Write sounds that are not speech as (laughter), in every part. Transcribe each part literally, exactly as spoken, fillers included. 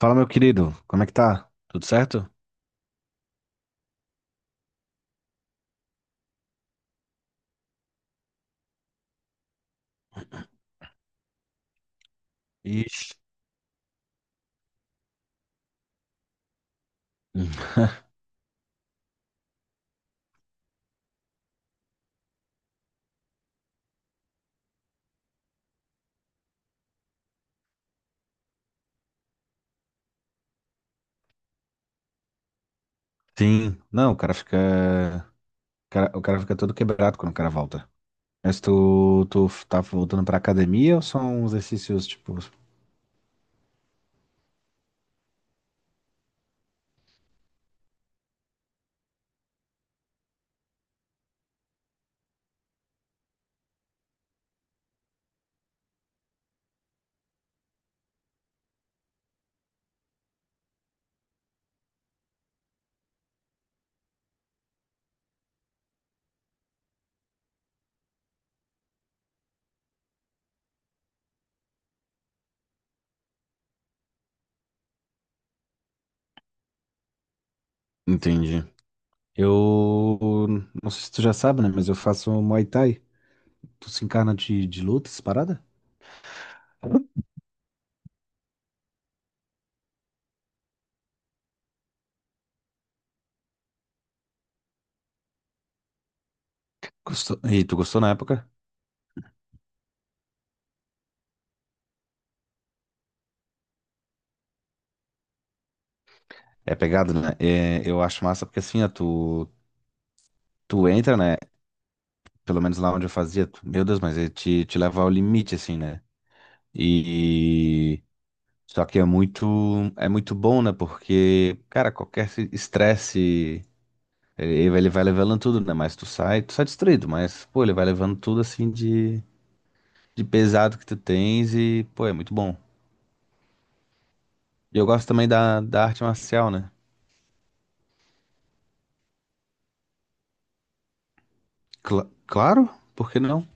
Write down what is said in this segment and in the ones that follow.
Fala, meu querido, como é que tá? Tudo certo? Ixi. Hum. (laughs) Sim. Não, o cara fica. O cara, o cara fica todo quebrado quando o cara volta. Mas tu, tu tá voltando pra academia ou são exercícios tipo. Entendi. Eu. Não sei se tu já sabe, né? Mas eu faço Muay Thai. Tu se encarna de, de luta, essa parada? Gostou? E tu gostou na época? É pegado, né? É, eu acho massa porque assim, ó, tu, tu entra, né? Pelo menos lá onde eu fazia, tu- meu Deus, mas ele te, te leva ao limite, assim, né? E só que é muito é muito bom, né? Porque, cara, qualquer se- estresse, ele, ele vai levando tudo, né? Mas tu sai, tu sai destruído, mas pô, ele vai levando tudo assim de, de pesado que tu tens, e pô, é muito bom. E eu gosto também da, da arte marcial, né? Cla- claro, por que não?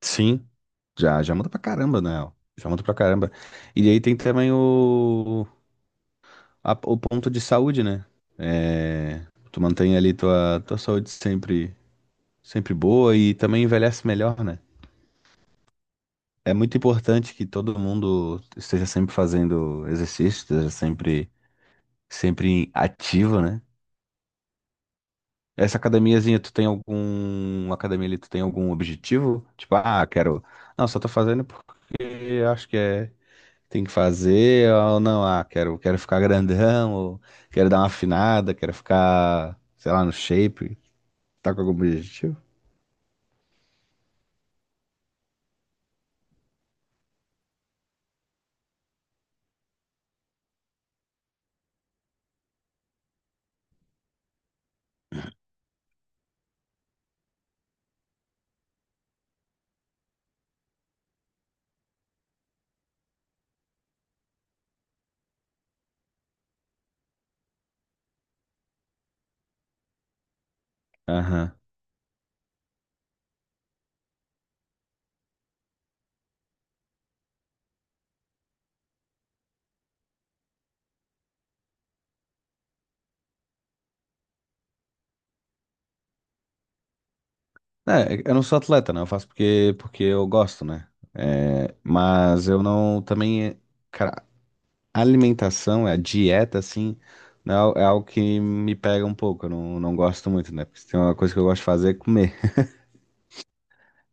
Sim. Já, já muda pra caramba, né? Já muda pra caramba. E aí tem também o, a- o ponto de saúde, né? É, tu mantém ali tua, tua saúde sempre Sempre boa e também envelhece melhor, né? É muito importante que todo mundo esteja sempre fazendo exercício, esteja sempre, sempre ativo, né? Essa academiazinha, tu tem algum, academia ali, tu tem algum objetivo? Tipo, ah, quero, não, só tô fazendo porque acho que é, tem que fazer, ou não, ah, quero, quero ficar grandão, ou quero dar uma afinada, quero ficar, sei lá, no shape. Tá com algum objetivo? Aham. É, eu não sou atleta, né? Eu faço porque, porque eu gosto, né? É, mas eu não também, cara, alimentação, a dieta, assim, né, é algo que me pega um pouco. Eu não, não gosto muito, né? Porque se tem uma coisa que eu gosto de fazer é comer.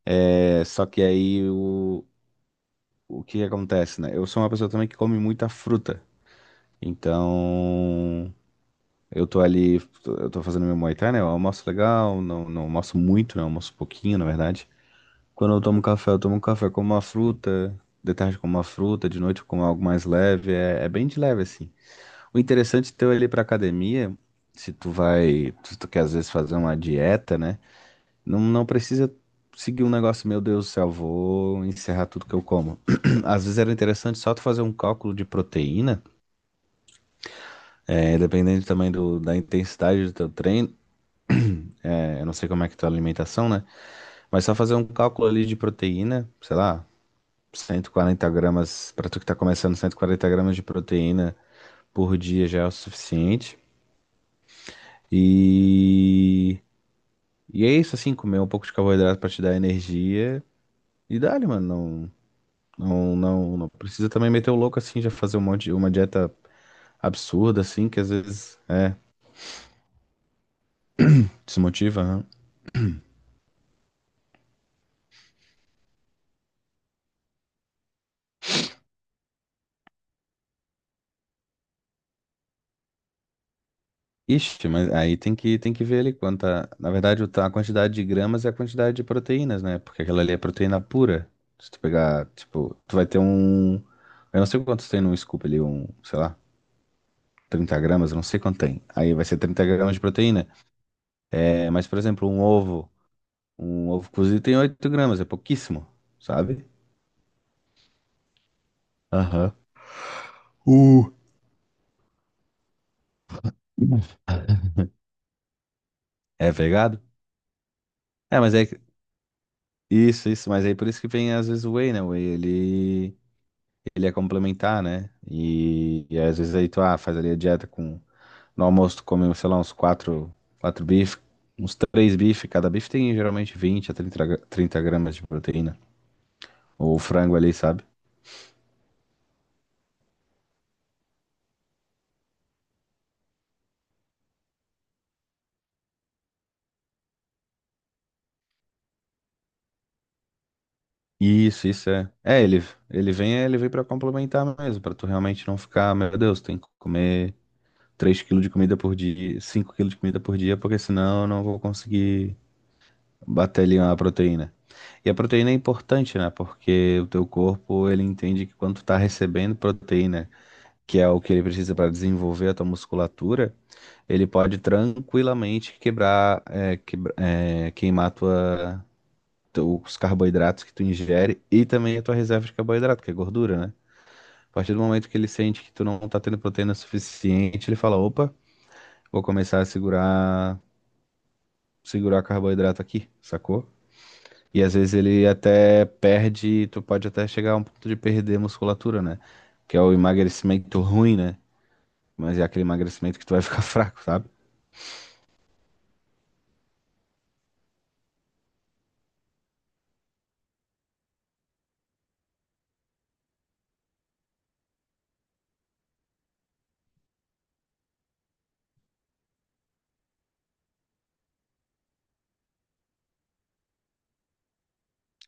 É, só que aí o, o que que acontece, né? Eu sou uma pessoa também que come muita fruta. Então, eu tô ali, eu tô fazendo meu Muay Thai, né? Eu almoço legal, não, não almoço muito, né? Eu almoço pouquinho, na verdade. Quando eu tomo café, eu tomo café com uma fruta, de tarde com uma fruta, de noite com algo mais leve, é, é bem de leve assim. O interessante teu é ir pra academia, se tu vai, se tu quer às vezes fazer uma dieta, né? Não, não precisa seguir um negócio, meu Deus do céu, vou encerrar tudo que eu como. (clears throat) Às vezes era interessante só tu fazer um cálculo de proteína, é, dependendo também do, da intensidade do teu treino, é, eu não sei como é que é a tua alimentação, né? Mas só fazer um cálculo ali de proteína, sei lá, cento e quarenta gramas, para tu que tá começando, cento e quarenta gramas de proteína por dia já é o suficiente. E, e é isso, assim, comer um pouco de carboidrato para te dar energia. E dá-lhe, mano. Não, não, não, não precisa também meter o louco assim, já fazer um monte, uma dieta absurda, assim, que às vezes é, desmotiva, né? Ixi, mas aí tem que, tem que ver ali quanta. Na verdade, o ta- a quantidade de gramas é a quantidade de proteínas, né? Porque aquela ali é proteína pura. Se tu pegar, tipo, tu vai ter um. Eu não sei quantos tem num scoop ali, um, sei lá, trinta gramas, eu não sei quanto tem. Aí vai ser trinta gramas de proteína. É, mas, por exemplo, um ovo, um ovo cozido tem oito gramas, é pouquíssimo, sabe? Aham. Uh. É pegado? É, mas é. que- isso, isso, mas aí por isso que vem às vezes o whey, né? O whey, ele. ele é complementar, né? E, e às vezes aí tu ah, faz ali a dieta com. No almoço tu come, sei lá, uns quatro, quatro bifes, uns três bifes. Cada bife tem geralmente vinte a trinta gra- trinta gramas de proteína. Ou frango ali, sabe? Isso, isso é. É, ele, ele vem, é, ele vem pra complementar mesmo, pra tu realmente não ficar, meu Deus, tem que comer três quilos de comida por dia, cinco quilos de comida por dia, porque senão eu não vou conseguir bater ali uma proteína. E a proteína é importante, né? Porque o teu corpo, ele entende que quando tu tá recebendo proteína, que é o que ele precisa para desenvolver a tua musculatura, ele pode tranquilamente quebrar, é, quebra- é, queimar tua, teu- os carboidratos que tu ingere e também a tua reserva de carboidrato, que é gordura, né? A partir do momento que ele sente que tu não tá tendo proteína suficiente, ele fala, opa, vou começar a segurar, segurar carboidrato aqui, sacou? E às vezes ele até perde, tu pode até chegar a um ponto de perder musculatura, né? Que é o emagrecimento ruim, né? Mas é aquele emagrecimento que tu vai (laughs) ficar fraco, sabe?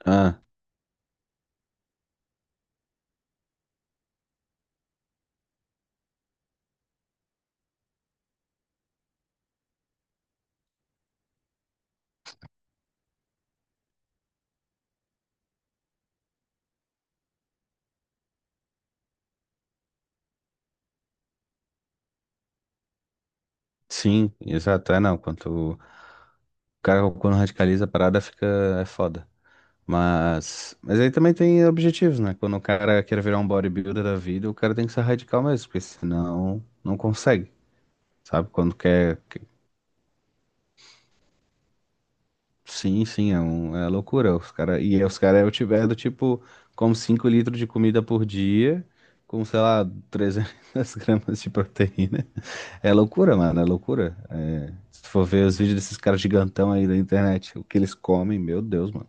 Ah, sim, exato. É, não, quando o cara quando radicaliza a parada fica é foda. Mas, mas aí também tem objetivos, né? Quando o cara quer virar um bodybuilder da vida, o cara tem que ser radical mesmo, porque senão não consegue, sabe? Quando quer Sim, sim, é, um, é loucura. Os cara, e os caras eu tiver do tipo, como cinco litros de comida por dia, com, sei lá, trezentas (laughs) gramas de proteína. É loucura, mano, é loucura. É, se for ver os vídeos desses caras gigantão aí da internet, o que eles comem, meu Deus, mano.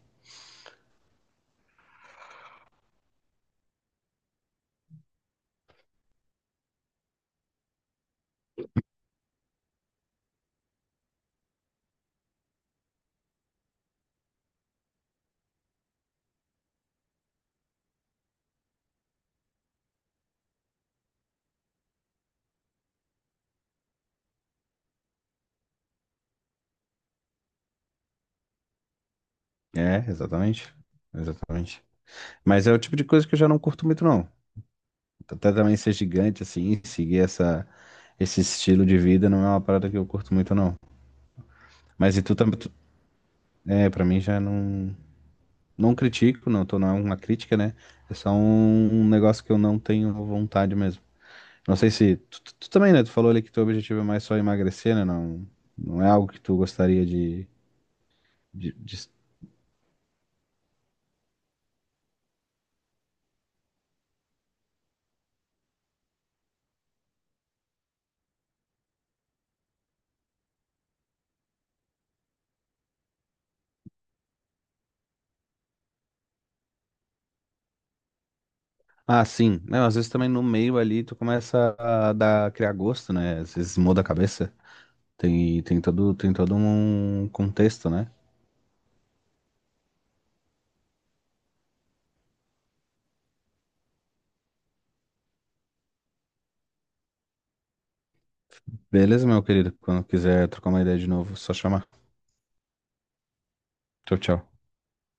É, exatamente. Exatamente. Mas é o tipo de coisa que eu já não curto muito, não. Até também ser gigante, assim, seguir essa, esse estilo de vida não é uma parada que eu curto muito, não. Mas e tu também. tu- É, pra mim já não. Não critico, não, tô, não é uma crítica, né? É só um, um negócio que eu não tenho vontade mesmo. Não sei se. Tu, tu- tu também, né? Tu falou ali que teu objetivo é mais só emagrecer, né? Não, não é algo que tu gostaria de, de, de- Ah, sim. Não, às vezes também no meio ali tu começa a dar, criar gosto, né? Às vezes muda a cabeça. Tem, tem todo, tem todo um contexto, né? Beleza, meu querido. Quando quiser trocar uma ideia de novo, só chamar. Tchau, tchau.